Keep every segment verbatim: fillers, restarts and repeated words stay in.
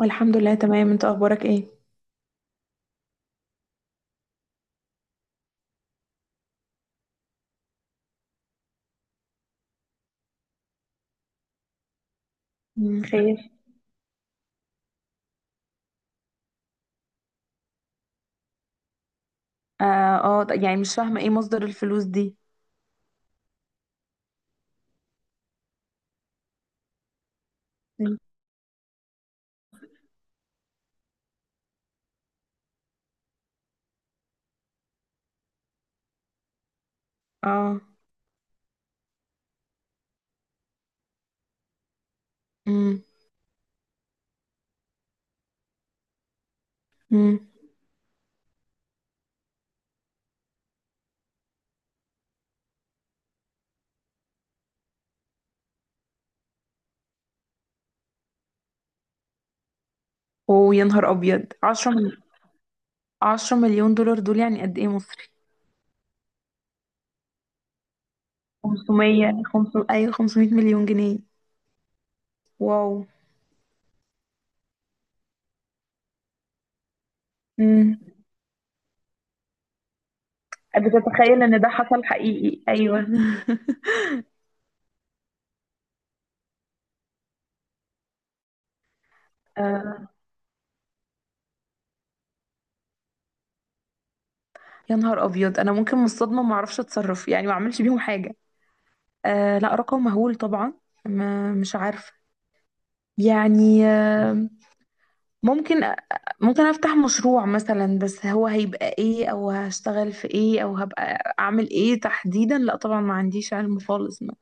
والحمد لله تمام، انت اخبارك ايه؟ مم، خير. اه اه، ط- يعني مش فاهمه ايه مصدر الفلوس دي. مم. اه، امم امم ويا نهار ابيض، عشرة مل... 10 مليون دولار دول يعني قد ايه مصري؟ خمسمية خمسمية، ايوه خمسمية مليون جنيه. واو. مم. بتتخيل ان ده حصل حقيقي؟ ايوه. آه. يا نهار ابيض، انا ممكن من الصدمه ما اعرفش اتصرف، يعني ما اعملش بيهم حاجه. آه لا، رقم مهول طبعا. ما مش عارفه. يعني آه ممكن أ- ممكن افتح مشروع مثلا، بس هو هيبقى ايه، او هشتغل في ايه، او هبقى اعمل ايه تحديدا؟ لا طبعا، ما عنديش علم خالص ما.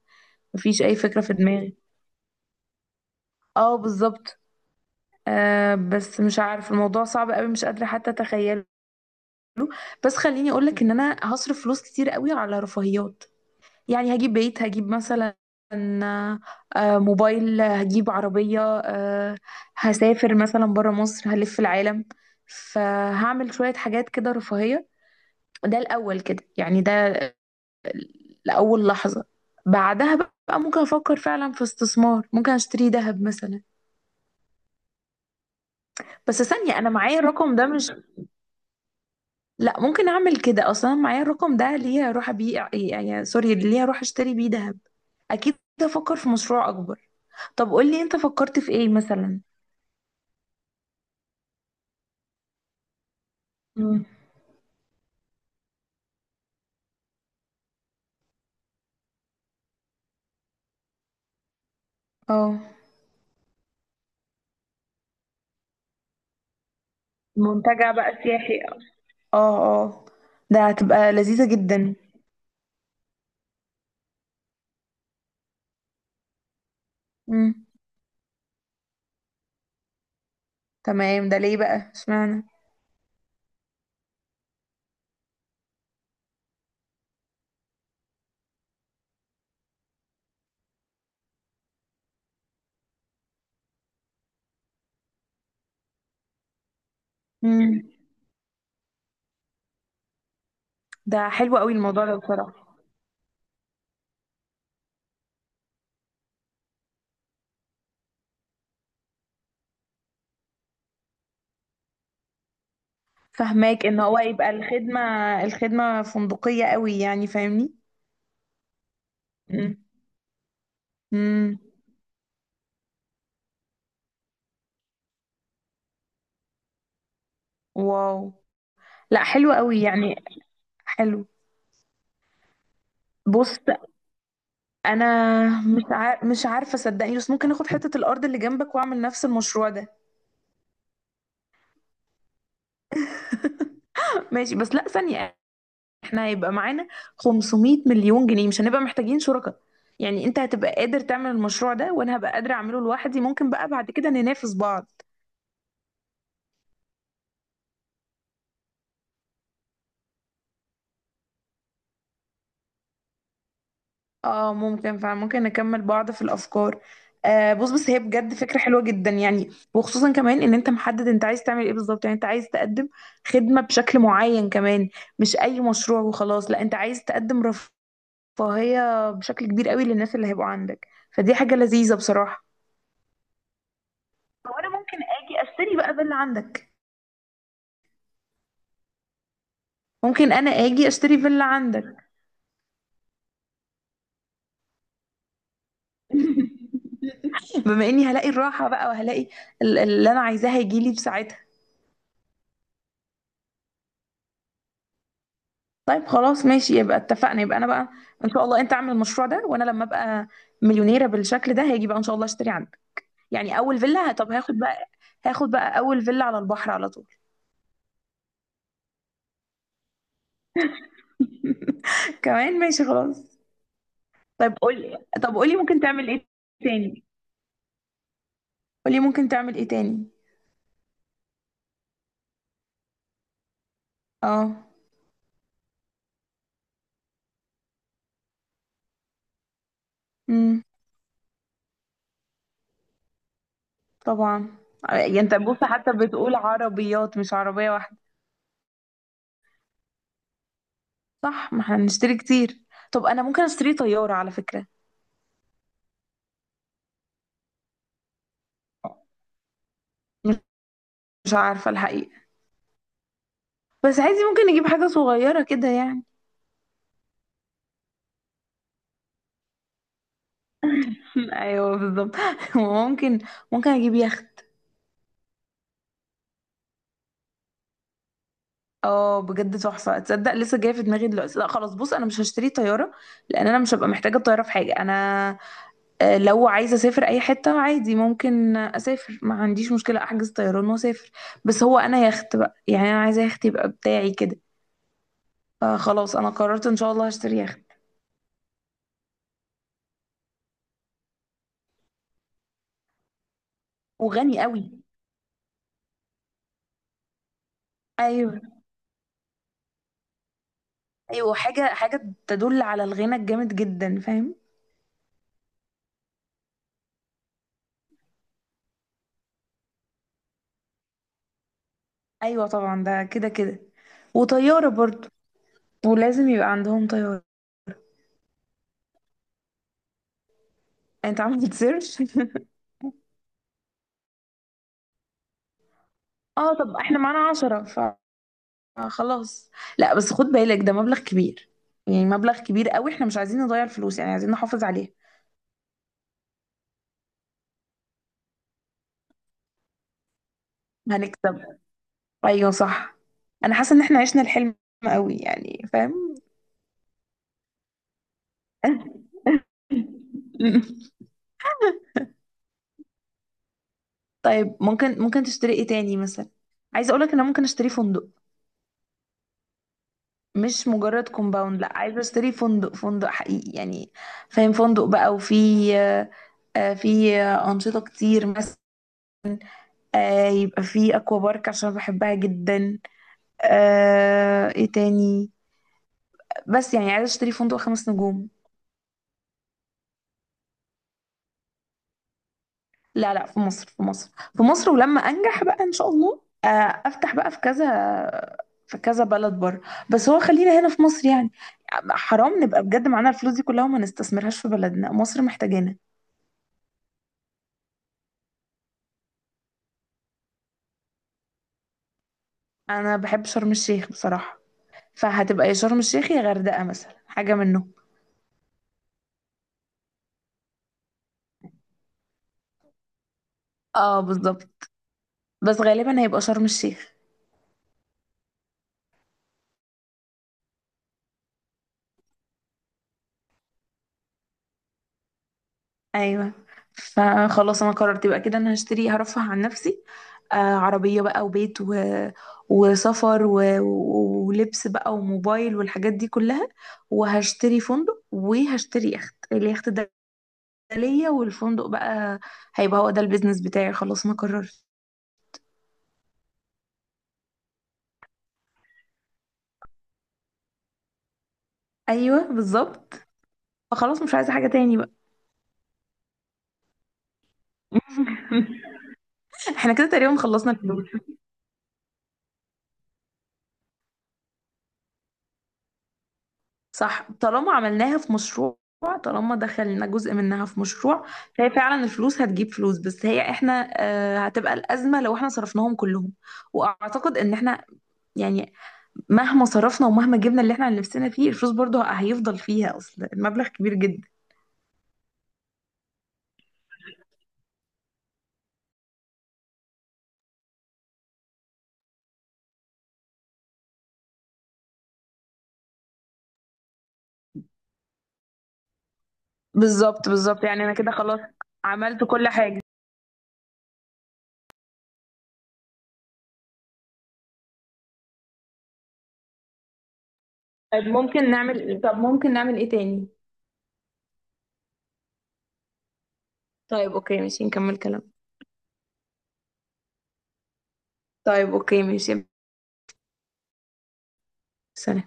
مفيش اي فكرة في دماغي. اه بالظبط. آه بس مش عارف، الموضوع صعب قوي، مش قادرة حتى اتخيله. بس خليني اقولك ان انا هصرف فلوس كتير قوي على رفاهيات. يعني هجيب بيت، هجيب مثلا آه، موبايل، هجيب عربية، آه، هسافر مثلا برا مصر، هلف العالم. فهعمل شوية حاجات كده رفاهية. ده الأول كده، يعني ده لأول لحظة. بعدها بقى ممكن أفكر فعلا في استثمار، ممكن أشتري ذهب مثلا. بس ثانية، أنا معايا الرقم ده مش... لا، ممكن أعمل كده أصلا؟ أنا معايا الرقم ده ليه هروح أبيع، يعني سوري، ليه هروح أشتري بيه ذهب؟ أكيد أفكر في مشروع أكبر. طب قولي انت فكرت في ايه مثلا. مم. اه. منتجع بقى سياحي، اه. اه. ده هتبقى لذيذة جدا. امم. تمام، ده ليه بقى، اشمعنى؟ مم. ده حلو قوي الموضوع ده بصراحة. فهماك ان هو يبقى الخدمة، الخدمة فندقية قوي، يعني فاهمني؟ مم. امم. واو. لا حلو قوي، يعني حلو. بص، انا مش عار... مش عارفة صدقني، بس ممكن اخد حتة الارض اللي جنبك واعمل نفس المشروع ده. ماشي بس لا ثانية، احنا هيبقى معانا خمسمائة مليون جنيه، مش هنبقى محتاجين شركاء. يعني انت هتبقى قادر تعمل المشروع ده وانا هبقى قادرة اعمله لوحدي، ممكن بقى بعد كده ننافس بعض. اه ممكن فممكن نكمل بعض في الافكار. آه بص، بس هي بجد فكرة حلوة جدا، يعني وخصوصا كمان ان انت محدد انت عايز تعمل ايه بالظبط، يعني انت عايز تقدم خدمة بشكل معين كمان، مش اي مشروع وخلاص. لا انت عايز تقدم رفاهية بشكل كبير قوي للناس اللي هيبقوا عندك، فدي حاجة لذيذة بصراحة. وانا ممكن اجي اشتري بقى باللي عندك. ممكن انا اجي اشتري فيلا عندك. بما اني هلاقي الراحه بقى وهلاقي ال- اللي انا عايزاه هيجي لي في ساعتها. طيب خلاص ماشي، يبقى اتفقنا، يبقى انا بقى ان شاء الله انت اعمل المشروع ده، وانا لما ابقى مليونيره بالشكل ده هاجي بقى ان شاء الله اشتري عندك. يعني اول فيلا. طب هاخد بقى، هاخد بقى اول فيلا على البحر على طول. كمان ماشي خلاص. طيب قولي، طب قولي ممكن تعمل ايه تاني. قولي ممكن تعمل ايه تاني. اه. امم. طبعا. يعني انت بص، حتى بتقول عربيات مش عربيه واحده. صح، ما احنا بنشتري كتير. طب انا ممكن اشتري طيارة على فكرة. مش عارفة الحقيقة، بس عادي ممكن نجيب حاجة صغيرة كده يعني. ايوه بالظبط. ممكن ممكن اجيب يخت. اه بجد تحفة، تصدق لسه جاية في دماغي دلوقتي؟ لا خلاص بص، انا مش هشتري طيارة، لان انا مش هبقى محتاجة الطيارة في حاجة. انا آه، لو عايزة اسافر اي حتة عادي ممكن اسافر، ما عنديش مشكلة، احجز طيران واسافر. بس هو انا يخت بقى، يعني انا عايزة يخت يبقى بتاعي كده. فخلاص انا قررت ان شاء الله هشتري يخت. وغني قوي. ايوه. ايوه، حاجه حاجه تدل على الغنى الجامد جدا، فاهم. ايوه طبعا، ده كده كده، وطياره برضو، ولازم يبقى عندهم طياره. يعني انت عامل سيرش؟ اه، طب احنا معانا عشرة، فخلاص. لا بس خد بالك ده مبلغ كبير، يعني مبلغ كبير قوي، احنا مش عايزين نضيع الفلوس، يعني عايزين نحافظ عليها. هنكسب. ايوه صح. انا حاسه ان احنا عشنا الحلم قوي، يعني فاهم. طيب ممكن ممكن تشتري ايه تاني مثلا؟ عايزه اقولك ان انا ممكن اشتري فندق. مش مجرد كومباوند، لا عايزه اشتري فندق، فندق حقيقي يعني فاهم. فندق بقى، وفي آه، آه، في آه، انشطه كتير مثلا، آه، يبقى في اكوا بارك عشان بحبها جدا. آه، ايه تاني؟ بس يعني عايزه اشتري فندق خمس نجوم. لا لا، في مصر في مصر. في مصر، ولما انجح بقى ان شاء الله آه، افتح بقى في كذا، في كذا بلد بره. بس هو خلينا هنا في مصر، يعني حرام نبقى بجد معانا الفلوس دي كلها وما نستثمرهاش في بلدنا، مصر محتاجانا. انا بحب شرم الشيخ بصراحه، فهتبقى يا شرم الشيخ يا غردقه مثلا، حاجه منهم. اه بالظبط. بس غالبا هيبقى شرم الشيخ. ايوه، فخلاص انا قررت يبقى كده، انا هشتري هرفه عن نفسي، آه عربيه بقى وبيت و... وسفر و... ولبس بقى وموبايل والحاجات دي كلها. وهشتري فندق وهشتري يخت، اليخت ده ليا، والفندق بقى هيبقى هو ده البيزنس بتاعي، خلاص انا قررت. ايوه بالظبط، فخلاص مش عايزه حاجه تاني بقى. احنا كده تقريبا خلصنا الفلوس. صح، طالما عملناها في مشروع، طالما دخلنا جزء منها في مشروع. فهي فعلا الفلوس هتجيب فلوس، بس هي احنا آه، هتبقى الأزمة لو احنا صرفناهم كلهم. واعتقد ان احنا يعني مهما صرفنا ومهما جبنا اللي احنا نفسنا فيه، الفلوس برضه هيفضل فيها، اصل المبلغ كبير جدا. بالظبط بالظبط، يعني انا كده خلاص عملت كل حاجة. طيب ممكن نعمل ايه، طب ممكن نعمل ايه تاني؟ طيب اوكي ماشي، نكمل كلام. طيب اوكي ماشي. سلام.